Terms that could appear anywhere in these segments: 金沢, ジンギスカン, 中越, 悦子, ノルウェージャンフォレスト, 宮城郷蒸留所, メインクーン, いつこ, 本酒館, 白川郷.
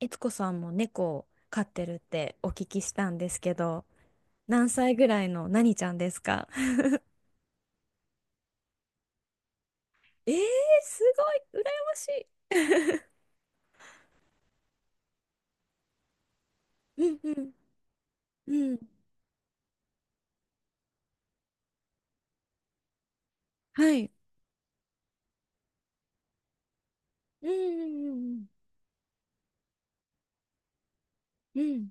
いつこさんも猫を飼ってるってお聞きしたんですけど、何歳ぐらいの何ちゃんですか？ えー、すごい、羨ましい。うんうんうん。はい。うんうんうんうん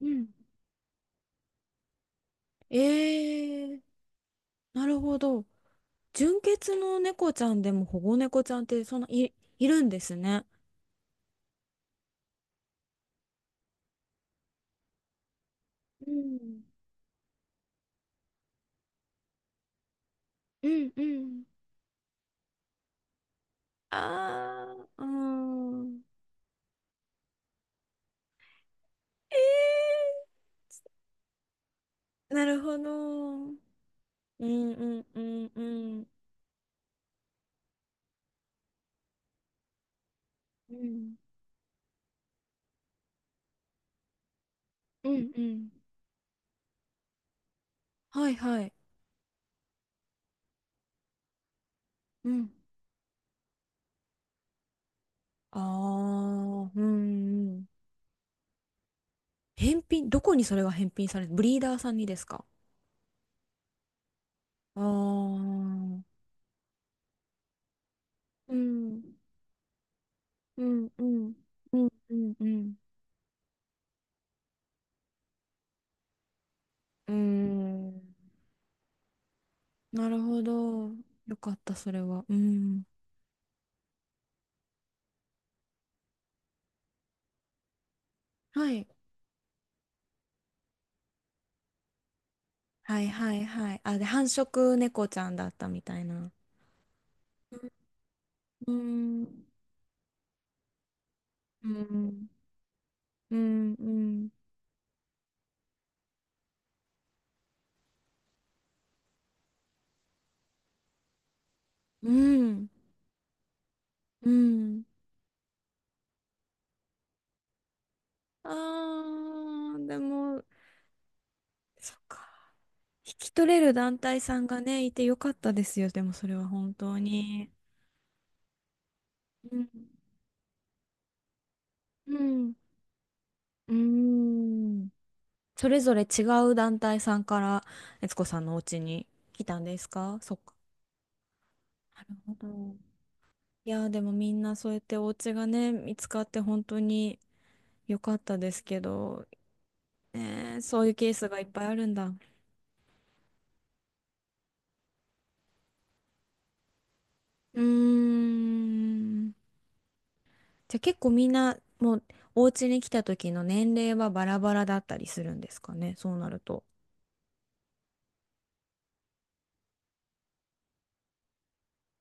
うん。えー、なるほど。純血の猫ちゃんでも保護猫ちゃんってそんないるんですね。うんうんうん。あーうーん。えー、なるほど。うんうんうん、うん。うん。うんうん。はいはい。うん。ああ、うんうん。返品、どこにそれが返品される、ブリーダーさんにですか？ああー、うん。うんうん。うんうんうん。うん。なるほど。よかった、それは。うん。はい。はいはいはい。あ、で、繁殖猫ちゃんだったみたいな。うん。うん。うんうん。うん。うん。あー、でも、そっか。引き取れる団体さんがね、いてよかったですよ、でもそれは本当に。うん。うん。うーん。それぞれ違う団体さんから、悦子さんのお家に来たんですか？そっか。なるほど。いやー、でもみんなそうやってお家がね、見つかって本当に良かったですけど、ねー、そういうケースがいっぱいあるんだ。うーん。じゃあ結構みんなもうお家に来た時の年齢はバラバラだったりするんですかね、そうなると。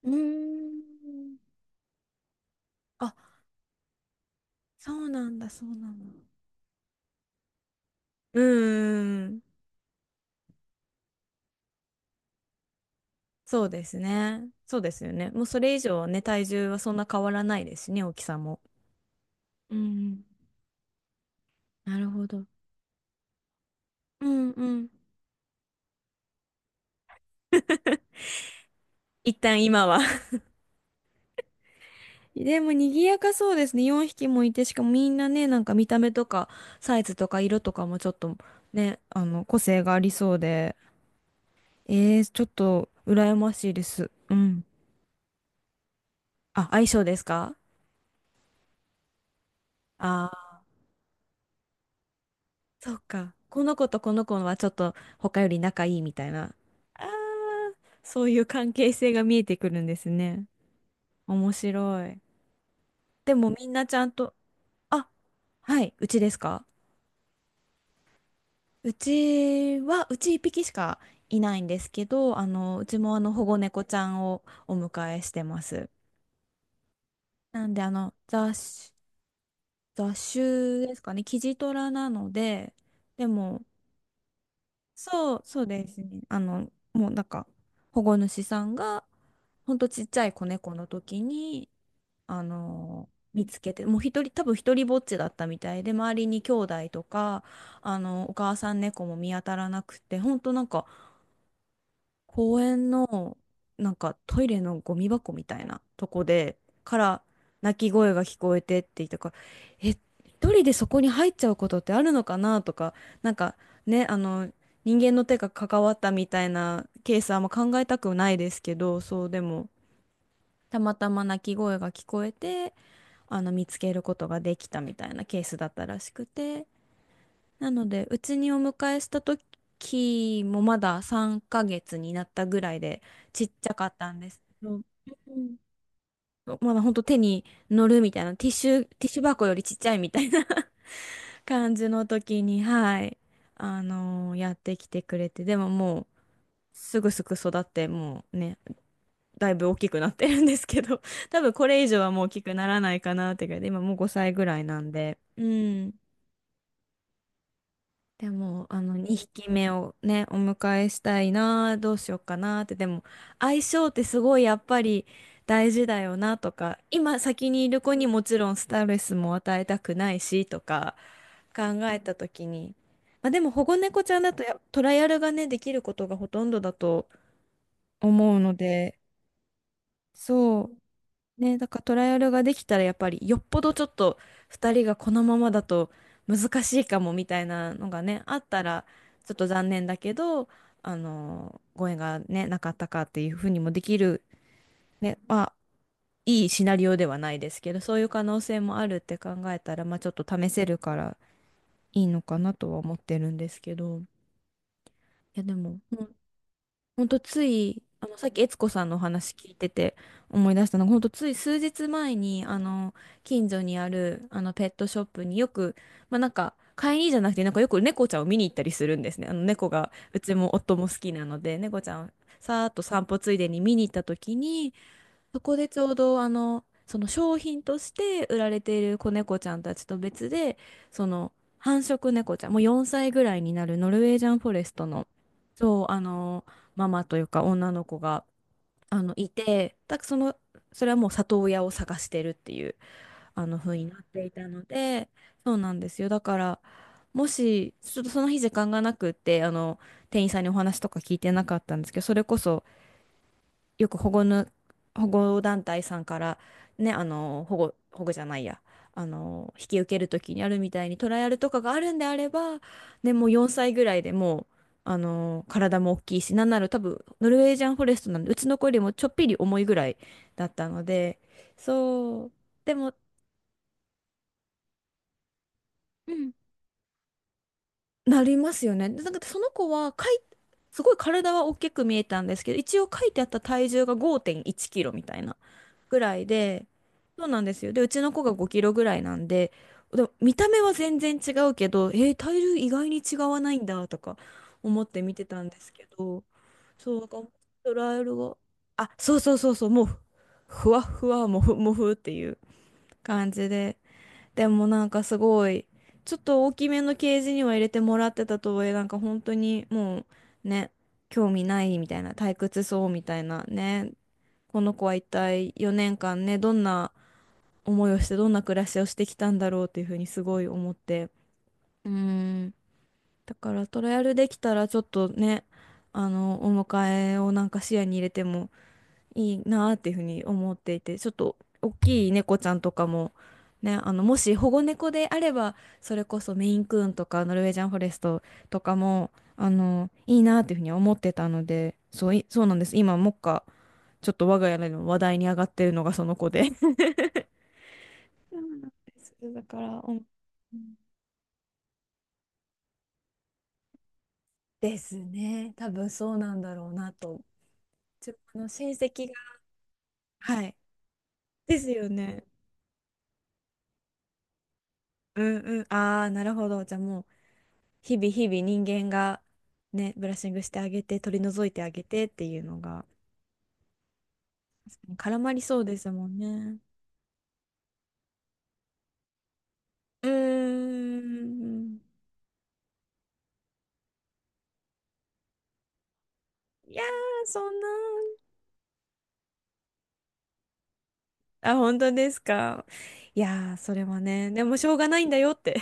うーん。あ、そうなんだ、そうなんだ。うーん、そうですね。そうですよね。もうそれ以上はね、体重はそんな変わらないですしね、大きさも。うんうん。なるほど。うんうん。一旦今は。 でも賑やかそうですね。4匹もいて、しかもみんなね、なんか見た目とかサイズとか色とかもちょっとね、あの、個性がありそうで。えー、ちょっと羨ましいです。うん。あ、相性ですか？ああー、そうか。この子とこの子はちょっと他より仲いいみたいな。あー、そういう関係性が見えてくるんですね。面白い。でもみんなちゃんと、あ、はい、うちですか？うちは、うち一匹しかいないんですけど、あの、うちもあの保護猫ちゃんをお迎えしてます。なんであの、雑種、雑種ですかね、キジトラなので、でも、そう、そうですね。あの、もうなんか、保護主さんが、ほんとちっちゃい子猫の時に、あの、見つけて、もう一人、多分一人ぼっちだったみたいで、周りに兄弟とか、あの、お母さん猫も見当たらなくて、ほんとなんか、公園のなんかトイレのゴミ箱みたいなとこでから泣き声が聞こえてって言ったから、え、一人でそこに入っちゃうことってあるのかなとか、なんかね、あの、人間の手が関わったみたいなケースはあんま考えたくないですけど、そう、でもたまたま泣き声が聞こえて、あの、見つけることができたみたいなケースだったらしくて、なので、うちにお迎えした時もまだ3ヶ月になったぐらいでちっちゃかったんですけど、うん、まだほんと手に乗るみたいな、ティッシュ、ティッシュ箱よりちっちゃいみたいな 感じの時に、はい、あの、やってきてくれて、でももう、すぐすぐ育って、もうね、だいぶ大きくなってるんですけど、多分これ以上はもう大きくならないかなってぐらいで、今もう5歳ぐらいなんで、うん。でも、あの、2匹目をね、お迎えしたいな、どうしようかなって、でも、相性ってすごいやっぱり大事だよなとか、今先にいる子にもちろんストレスも与えたくないしとか考えた時に、まあでも保護猫ちゃんだとやトライアルがね、できることがほとんどだと思うので、そう。ね、だからトライアルができたらやっぱりよっぽどちょっと2人がこのままだと難しいかもみたいなのがね、あったらちょっと残念だけど、あの、ご縁がね、なかったかっていうふうにもできる、ね、まあ、いいシナリオではないですけど、そういう可能性もあるって考えたら、まあちょっと試せるからいいのかなとは思ってるんですけど、いやでも、うん、ほんとつい、あの、さっき悦子さんのお話聞いてて思い出したのが、ほんとつい数日前に、あの、近所にある、あの、ペットショップによく、まあ、なんか、飼いにじゃなくて、なんかよく猫ちゃんを見に行ったりするんですね。あの、猫が、うちも夫も好きなので、猫ちゃんをさーっと散歩ついでに見に行った時に、そこでちょうどあのその商品として売られている子猫ちゃんたちと別で、その繁殖猫ちゃん、もう4歳ぐらいになるノルウェージャンフォレストの、そう、あの、ママというか女の子が、あの、いて、だ、その、それはもう里親を探してるっていう、あの、風になっていたので、そうなんですよ。だから、もしちょっとその日時間がなくって、あの、店員さんにお話とか聞いてなかったんですけど、それこそよく保護の、保護団体さんからね、あの、保護、保護じゃないや、あの、引き受けるときにあるみたいにトライアルとかがあるんであれば、ね、もう4歳ぐらいでもう、あの、体も大きいし、なんなら多分、ノルウェージャンフォレストなんで、うちの子よりもちょっぴり重いぐらいだったので、そう、でも、うん、なりますよね。でなんかその子はかい、すごい体は大きく見えたんですけど、一応書いてあった体重が5.1キロみたいなぐらいで、そうなんですよ。で、うちの子が5キロぐらいなんで、でも見た目は全然違うけど、えー、体重意外に違わないんだとか思って見てたんですけど、そう、なんかトライアルが、あ、そうそうそうそう、もう、ふわっふわ、もふもふっていう感じで。でもなんかすごい、ちょっと大きめのケージには入れてもらってたとはいえ、なんか本当にもうね、興味ないみたいな、退屈そうみたいなね、この子は一体4年間ね、どんな思いをして、どんな暮らしをしてきたんだろうっていうふうにすごい思って。うーん。だからトライアルできたらちょっとね、あの、お迎えをなんか視野に入れてもいいなっていうふうに思っていて、ちょっと大きい猫ちゃんとかも、ね、あの、もし保護猫であれば、それこそメインクーンとかノルウェージャンフォレストとかも、あの、いいなっていうふうに思ってたので、そうい、そうなんです。今、もっかちょっと我が家でも話題に上がってるのがその子で。そうなんです。だから、うん。うん、ですね。多分そうなんだろうなと。自分の親戚が。はい。ですよね。うんうん。ああ、なるほど。じゃあもう、日々日々人間がね、ブラッシングしてあげて、取り除いてあげてっていうのが、絡まりそうですもんね。うーん。いやー、そんな。あ、本当ですか。いやー、それはね、でもしょうがないんだよって。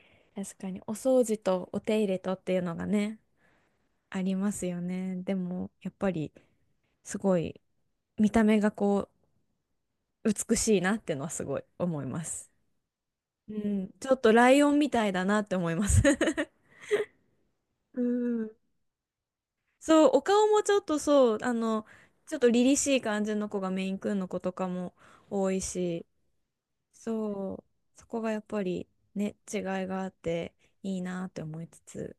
確かに、お掃除とお手入れとっていうのがね、ありますよね。でも、やっぱり、すごい、見た目がこう、美しいなってのはすごい思います。うん、ちょっとライオンみたいだなって思います。うん。そう、お顔もちょっとそう、あの、ちょっと凛々しい感じの子がメイン君の子とかも多いし、そう、そこがやっぱりね、違いがあっていいなって思いつつ、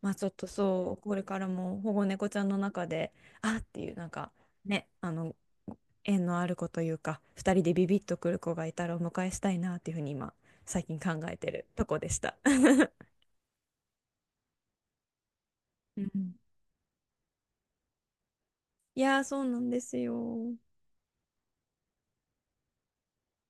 まあちょっとそう、これからも保護猫ちゃんの中で、あっていうなんか、ね、あの、縁のある子というか、二人でビビッとくる子がいたらお迎えしたいなっていうふうに今、最近考えてるとこでした。うん、いやー、そうなんですよ。